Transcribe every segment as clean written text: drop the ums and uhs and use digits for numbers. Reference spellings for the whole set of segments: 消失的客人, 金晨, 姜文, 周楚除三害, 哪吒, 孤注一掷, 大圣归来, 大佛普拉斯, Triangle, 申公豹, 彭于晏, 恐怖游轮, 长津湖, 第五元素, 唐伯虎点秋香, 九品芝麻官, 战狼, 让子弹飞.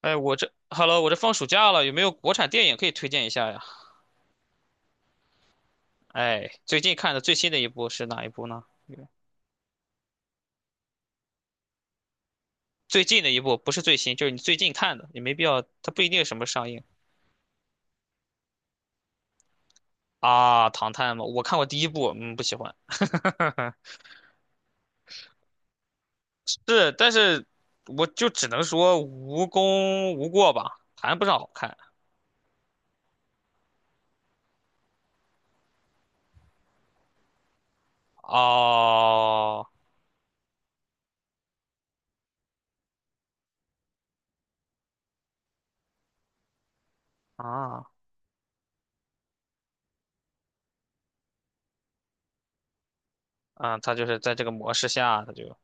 哎，我这放暑假了，有没有国产电影可以推荐一下呀？哎，最近看的最新的一部是哪一部呢？最近的一部不是最新，就是你最近看的，也没必要，它不一定什么上映啊。唐探嘛，我看过第一部，不喜欢。是，但是我就只能说无功无过吧，谈不上好看。哦。啊。嗯。它就是在这个模式下，它就，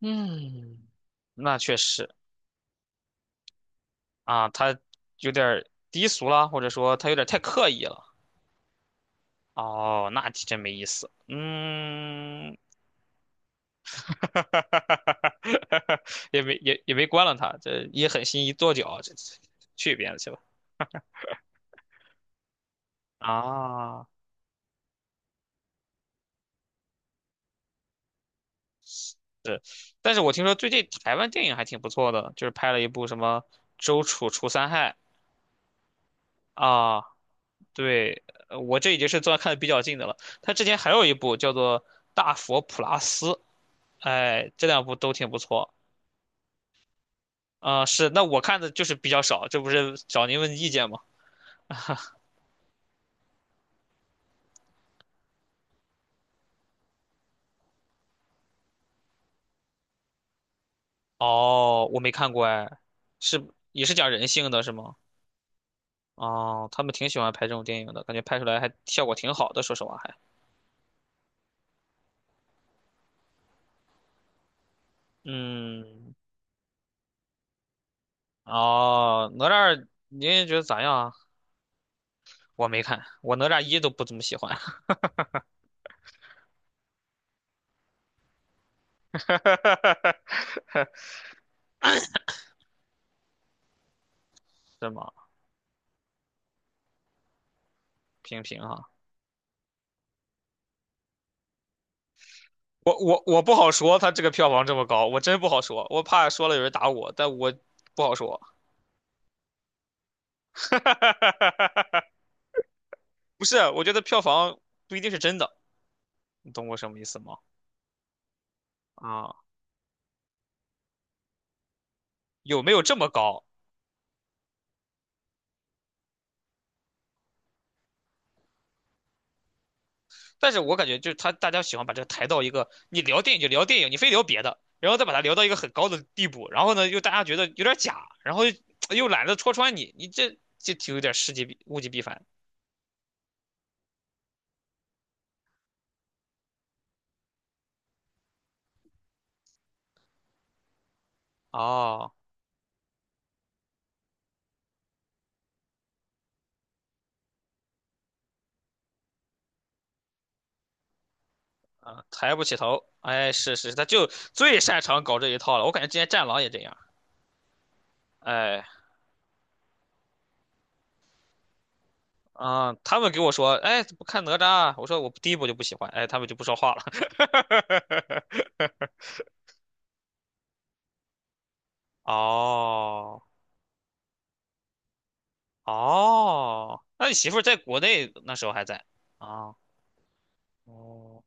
嗯，那确实。啊，他有点儿低俗了，或者说他有点儿太刻意了。哦，那真没意思。嗯。也没关了他，这一狠心一跺脚，这去一边子去吧。啊，是，但是我听说最近台湾电影还挺不错的，就是拍了一部什么《周楚除三害》啊，对，我这已经是算看的比较近的了。他之前还有一部叫做《大佛普拉斯》，哎，这两部都挺不错。啊、是，那我看的就是比较少，这不是找您问意见吗？哦，我没看过哎，是也是讲人性的是吗？哦，他们挺喜欢拍这种电影的，感觉拍出来还效果挺好的，说实话还。嗯，哦，哪吒二您觉得咋样啊？我没看，我哪吒一都不怎么喜欢，是吗？平平哈、我不好说，他这个票房这么高，我真不好说，我怕说了有人打我，但我不好说。不是，我觉得票房不一定是真的，你懂我什么意思吗？啊，有没有这么高？但是我感觉就是他大家喜欢把这个抬到一个，你聊电影就聊电影，你非聊别的，然后再把它聊到一个很高的地步，然后呢又大家觉得有点假，然后又懒得戳穿你，你这挺有点事极必物极必反哦，啊，抬不起头，哎，是是，他就最擅长搞这一套了，我感觉之前战狼也这样，哎。啊，他们给我说，哎，不看哪吒啊？我说我第一部就不喜欢，哎，他们就不说话了。哦哦，那你媳妇儿在国内那时候还在啊？哦，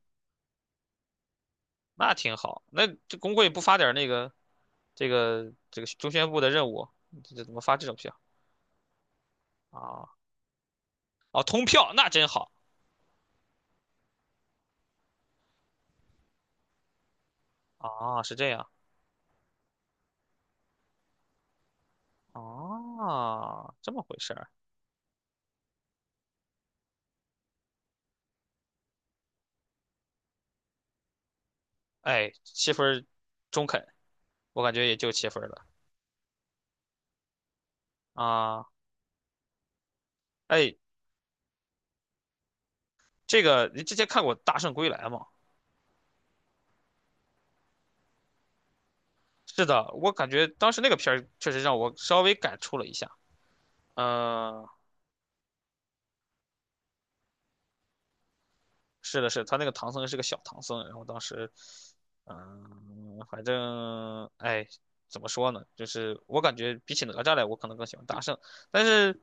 那挺好。那这工会不发点儿那个这个中宣部的任务，这怎么发这种票啊？哦，通票那真好啊，是这样啊，这么回事儿。哎，七分儿中肯，我感觉也就七分儿了啊。哎，这个你之前看过《大圣归来》吗？是的，我感觉当时那个片儿确实让我稍微感触了一下。嗯、是的，是他那个唐僧是个小唐僧，然后当时，嗯、反正哎，怎么说呢？就是我感觉比起哪吒来，我可能更喜欢大圣，但是，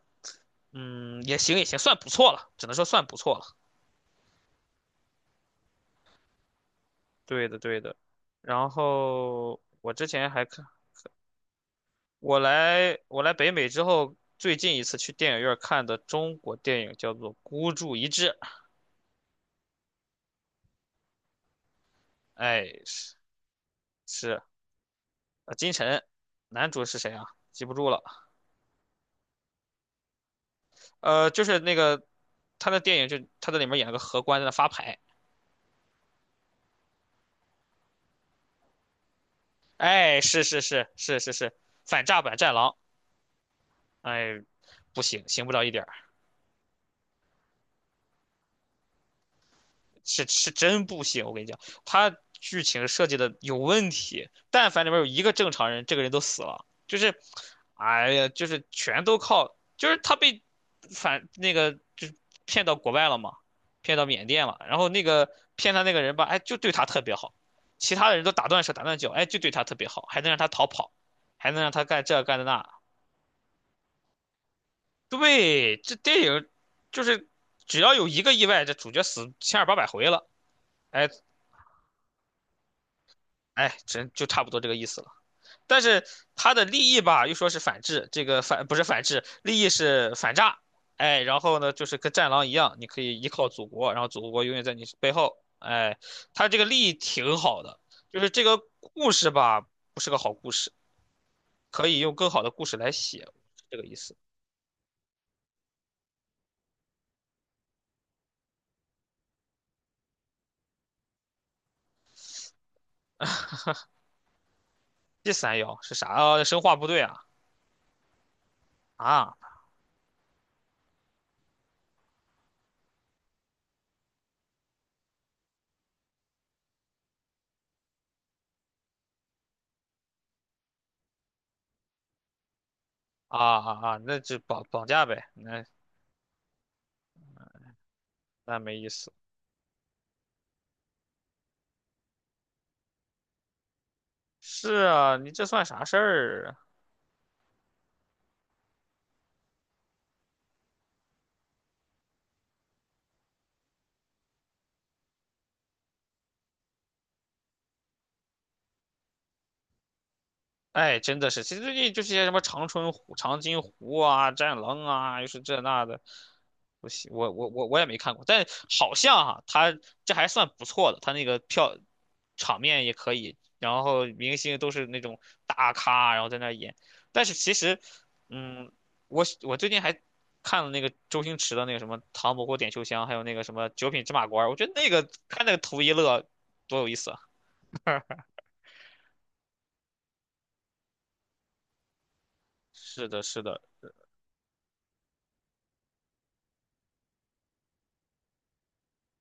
嗯，也行也行，算不错了，只能说算不错了。对的对的。然后我之前还看我来北美之后，最近一次去电影院看的中国电影叫做《孤注一掷》，哎，是是金晨，男主是谁啊？记不住了，就是那个他的电影就他在里面演了个荷官在那发牌，哎，是是是是是是反诈版战狼，哎，不行，行不了一点儿。是是真不行，我跟你讲，他剧情设计的有问题，但凡里面有一个正常人，这个人都死了，就是，哎呀，就是全都靠，就是他被反那个就是骗到国外了嘛，骗到缅甸了，然后那个骗他那个人吧，哎，就对他特别好，其他的人都打断手打断脚，哎，就对他特别好，还能让他逃跑，还能让他干这干的那，对，这电影就是只要有一个意外，这主角死千儿八百回了。哎，哎，真就差不多这个意思了。但是他的利益吧，又说是反制，这个反不是反制，利益是反诈。哎，然后呢，就是跟战狼一样，你可以依靠祖国，然后祖国永远在你背后。哎，他这个利益挺好的，就是这个故事吧，不是个好故事，可以用更好的故事来写，是这个意思。第三爻是啥？啊，生化部队啊啊啊啊啊！那就绑架呗，那没意思。是啊，你这算啥事儿啊？哎，真的是，其实最近就是些什么长春湖、长津湖啊、战狼啊，又是这那的，我喜我我我我也没看过，但好像哈、他这还算不错的，他那个票场面也可以，然后明星都是那种大咖，然后在那儿演，但是其实，嗯，我最近还看了那个周星驰的那个什么《唐伯虎点秋香》，还有那个什么《九品芝麻官》，我觉得那个看那个图一乐，多有意思啊！是的，是的，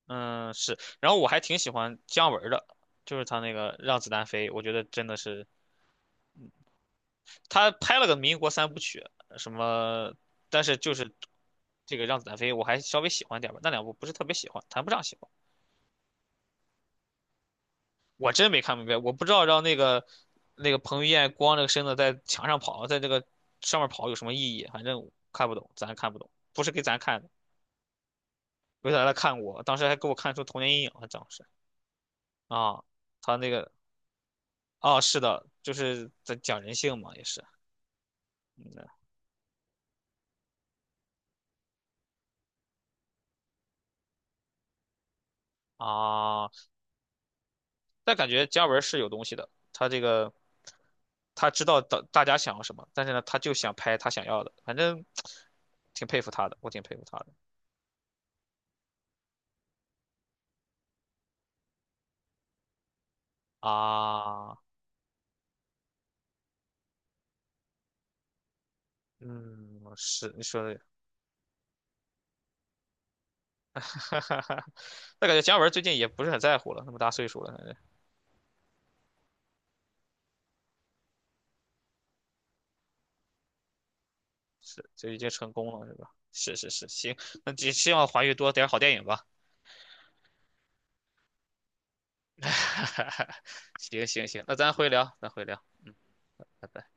嗯，是。然后我还挺喜欢姜文儿的，就是他那个《让子弹飞》，我觉得真的是他拍了个民国三部曲，什么，但是就是这个《让子弹飞》，我还稍微喜欢点儿吧，那两部不是特别喜欢，谈不上喜欢。我真没看明白，我不知道让那个那个彭于晏光着个身子在墙上跑，在这个上面跑有什么意义，反正看不懂，咱看不懂，不是给咱看的，为啥来看我？当时还给我看出童年阴影了，当时啊，他那个哦，是的，就是在讲人性嘛，也是，嗯啊，但感觉姜文是有东西的，他这个他知道大家想要什么，但是呢，他就想拍他想要的，反正挺佩服他的，我挺佩服他的啊，嗯，是你说的，哈哈哈，但感觉姜文最近也不是很在乎了，那么大岁数了，反正是就已经成功了，是吧？是是是，行，那只希望华语多点好电影吧，行行行，那咱回聊，咱回聊，嗯，拜拜。